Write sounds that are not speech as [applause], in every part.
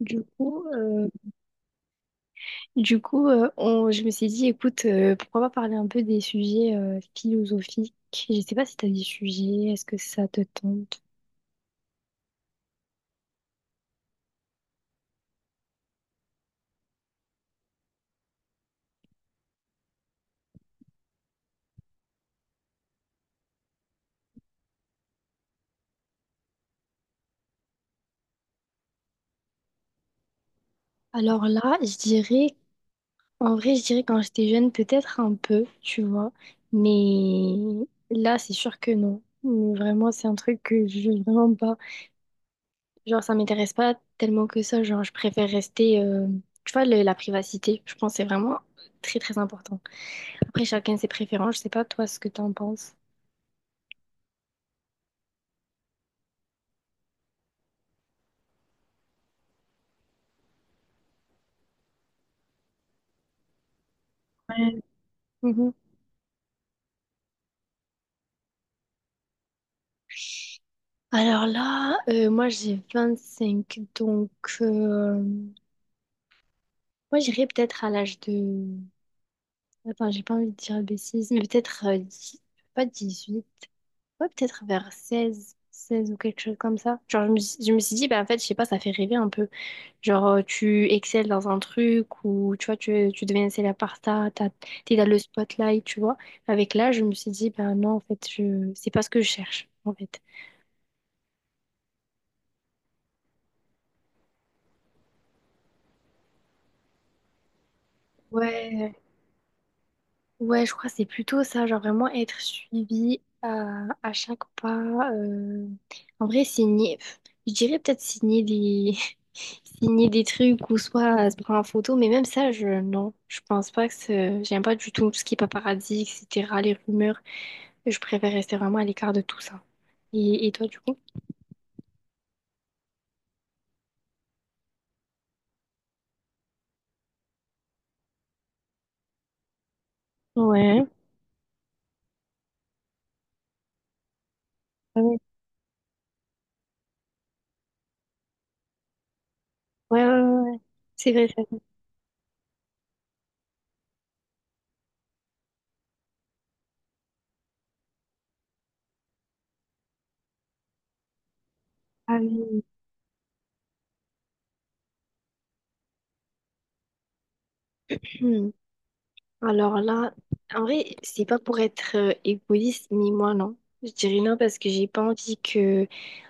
Du coup, euh, du coup, je me suis dit, écoute, pourquoi pas parler un peu des sujets philosophiques. Je sais pas si tu as des sujets, est-ce que ça te tente? Alors là, je dirais, en vrai, je dirais quand j'étais jeune, peut-être un peu, tu vois, mais là, c'est sûr que non. Mais vraiment, c'est un truc que je veux vraiment pas. Genre, ça m'intéresse pas tellement que ça. Genre, je préfère rester, tu vois, la privacité, je pense, que c'est vraiment très, très important. Après, chacun ses préférences. Je sais pas, toi, ce que t'en penses. Euh, mhm. Alors là, moi j'ai 25, donc euh, moi j'irais peut-être à l'âge de... Attends, j'ai pas envie de dire bêtise, mais peut-être pas 18, ouais peut-être vers 16, 16 ou quelque chose comme ça. Genre je me suis dit, bah en fait, je sais pas, ça fait rêver un peu. Genre tu excelles dans un truc ou tu vois, tu deviens célèbre par ça, t'es dans le spotlight, tu vois. Avec l'âge, je me suis dit, bah non, en fait, je... c'est pas ce que je cherche, en fait. Ouais. Ouais, je crois que c'est plutôt ça, genre vraiment être suivi à chaque pas. euh, En vrai, signer, pff, je dirais peut-être signer des... [laughs] signer des trucs ou soit se prendre en photo, mais même ça, je non, je pense pas que j'aime pas du tout tout ce qui est paparazzi, etc., les rumeurs. Je préfère rester vraiment à l'écart de tout ça. Et toi, du coup? Ouais. Ouais, ouais, ouais, ouais. C'est vrai, ça. Ah oui. Hmm. Alors là, en vrai, c'est pas pour être égoïste, mais moi non. Je dirais non parce que j'ai pas envie que.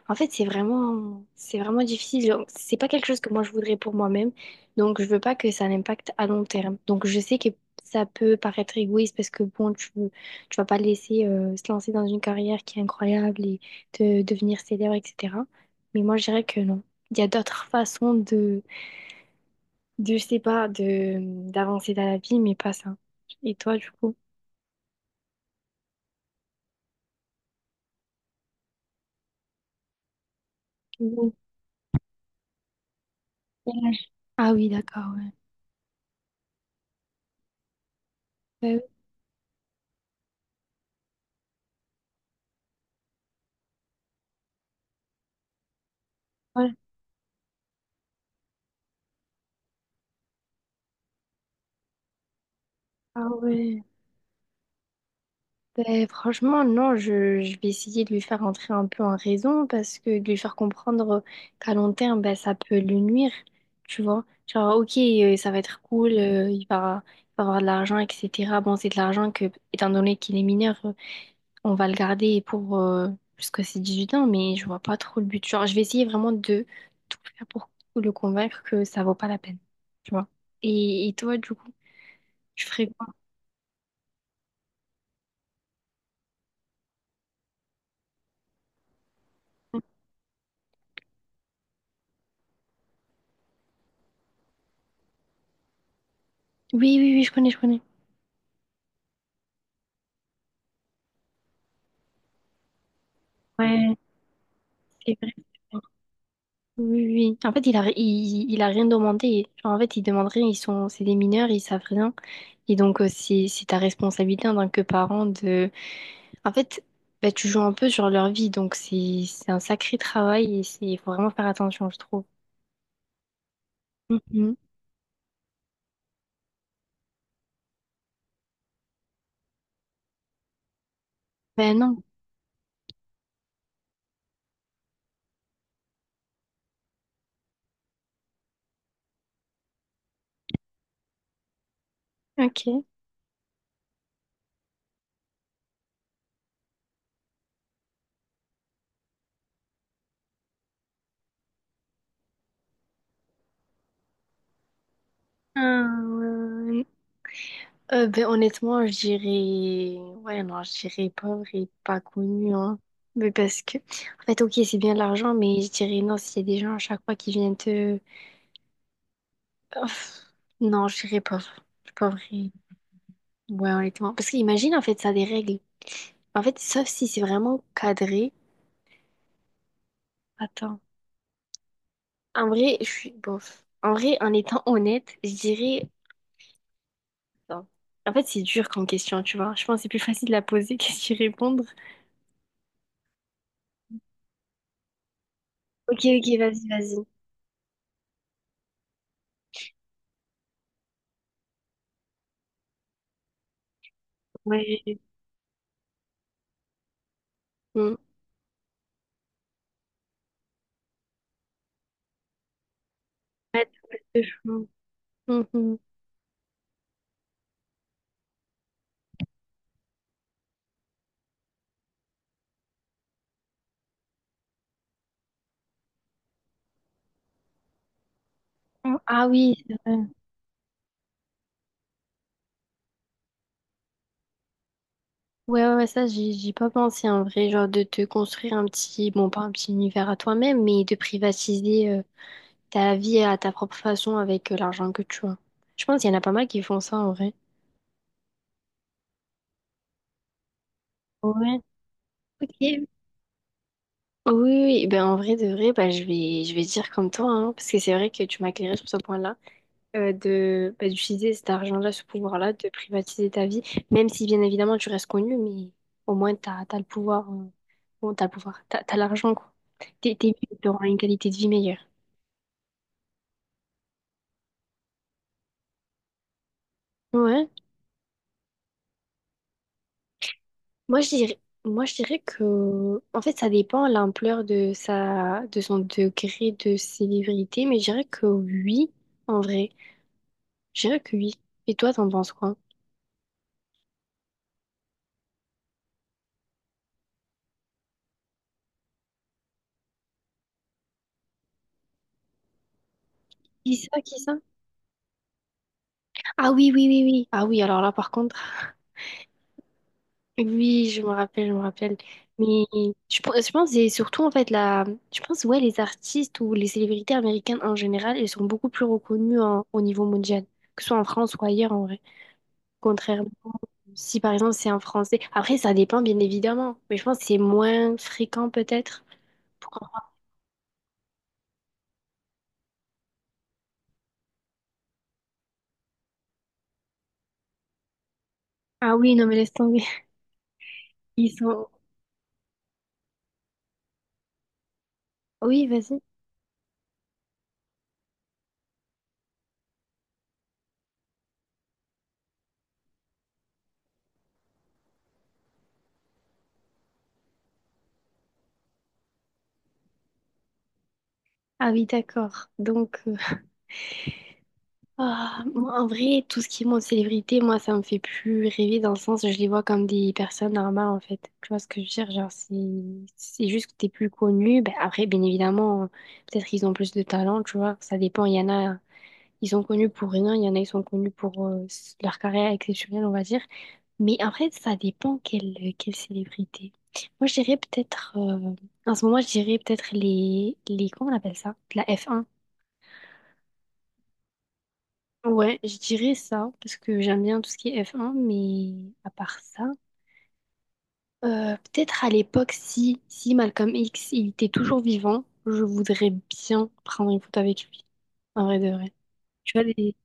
En fait, c'est vraiment difficile. Genre, c'est pas quelque chose que moi je voudrais pour moi-même. Donc, je veux pas que ça l'impacte à long terme. Donc, je sais que ça peut paraître égoïste parce que bon, tu vas pas le laisser se lancer dans une carrière qui est incroyable et de devenir célèbre, etc. Mais moi, je dirais que non. Il y a d'autres façons de, je sais pas, de d'avancer dans la vie, mais pas ça. Et toi, du coup? Oui. Ah oui, d'accord, ouais. Bah oui, voilà. Ah ouais. Ben franchement, non, je vais essayer de lui faire entrer un peu en raison parce que de lui faire comprendre qu'à long terme, ben ça peut lui nuire, tu vois. Genre, ok, ça va être cool, il va avoir de l'argent, etc. Bon, c'est de l'argent que, étant donné qu'il est mineur, on va le garder pour jusqu'à ses 8 ans, mais je vois pas trop le but. Genre, je vais essayer vraiment de tout faire pour le convaincre que ça vaut pas la peine. Tu vois. Et toi, du coup, tu ferais quoi? Oui, oui, oui, je connais, je connais. Ouais, c'est vrai. Oui, oui, oui. En fait, il a rien demandé. Genre, en fait, ils demandent rien. Ils sont, c'est des mineurs, ils savent rien. Et donc, c'est ta responsabilité en tant que parent de. En fait, bah, tu joues un peu sur leur vie. Donc, c'est un sacré travail et c'est, il faut vraiment faire attention, je trouve. Mhm. Ben non. Ok. Euh, ben honnêtement, je dirais... Ouais, non, je dirais pauvre et pas connu, hein. Mais parce que... En fait, ok, c'est bien de l'argent, mais je dirais non, s'il y a des gens à chaque fois qui viennent te... Ouf. Non, je dirais pauvre. Pauvre et... Ouais, honnêtement. Parce qu'imagine, en fait, ça a des règles. En fait, sauf si c'est vraiment cadré. Attends. En vrai, je suis... Bof. En vrai, en étant honnête, je dirais... non. En fait, c'est dur comme question, tu vois. Je pense que c'est plus facile de la poser [laughs] que d'y répondre. Ok, ok, vas-y, vas-y. Ouais, hmm. Ouais, tomate de chou. Mhm. Ah oui, c'est vrai. Ouais, ouais, ouais, ça, j'y ai pas pensé en vrai, genre de te construire un petit, bon, pas un petit univers à toi-même, mais de privatiser ta vie à ta propre façon avec l'argent que tu as. Je pense qu'il y en a pas mal qui font ça en vrai. Ouais. Ok. Oui, oui, oui. Ben en vrai de vrai, ben, je vais dire comme toi, hein, parce que c'est vrai que tu m'as éclairé sur ce point-là. De bah, d'utiliser cet argent-là, ce pouvoir-là, de privatiser ta vie, même si bien évidemment tu restes connu, mais au moins t'as le pouvoir, bon, t'as le pouvoir, t'as l'argent, quoi. T'es mieux, t'auras une qualité de vie meilleure. Ouais. Moi, je dirais que, en fait, ça dépend l'ampleur de sa, de son degré de célébrité, mais je dirais que oui, en vrai. Je dirais que oui. Et toi, t'en penses quoi? Qui ça, qui ça? Ah oui, oui, oui, oui. Ah oui, alors là, par contre. Oui, je me rappelle, je me rappelle. Mais je pense que c'est surtout en fait la, je pense, ouais, les artistes ou les célébrités américaines en général, elles sont beaucoup plus reconnues au niveau mondial, que ce soit en France ou ailleurs en vrai. Contrairement, si par exemple c'est un Français, après ça dépend bien évidemment, mais je pense que c'est moins fréquent peut-être. Pourquoi pas. Ah oui, non mais laisse tomber. [laughs] Ils sont. Oui, vas-y. Ah oui, d'accord. Donc. Ah, moi, en vrai, tout ce qui est monde célébrité, moi, ça me fait plus rêver dans le sens, je les vois comme des personnes normales, en fait. Tu vois ce que je veux dire? Genre, c'est juste que t'es plus connu. Ben, après, bien évidemment, peut-être qu'ils ont plus de talent, tu vois. Ça dépend. Il y en a, ils sont connus pour rien. Il y en a, ils sont connus pour leur carrière exceptionnelle, on va dire. Mais en fait, ça dépend quelle célébrité. Moi, je dirais peut-être, en ce moment, je dirais peut-être les, comment on appelle ça? La f un. Ouais, je dirais ça, parce que j'aime bien tout ce qui est F1, mais à part ça, peut-être à l'époque, si Malcolm X, il était toujours vivant, je voudrais bien prendre une photo avec lui, en vrai de vrai. Tu vois, les...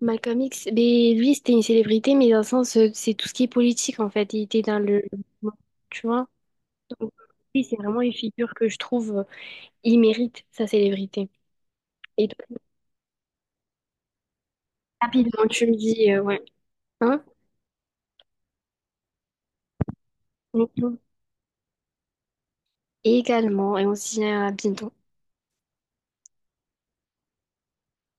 Malcolm X, mais lui, c'était une célébrité, mais dans le sens, c'est tout ce qui est politique, en fait. Il était dans le... Tu vois? Donc, lui, c'est vraiment une figure que je trouve, il mérite sa célébrité. Et donc, rapidement, tu me dis, ouais, hein? Mhm. Et également, et on se dit à bientôt.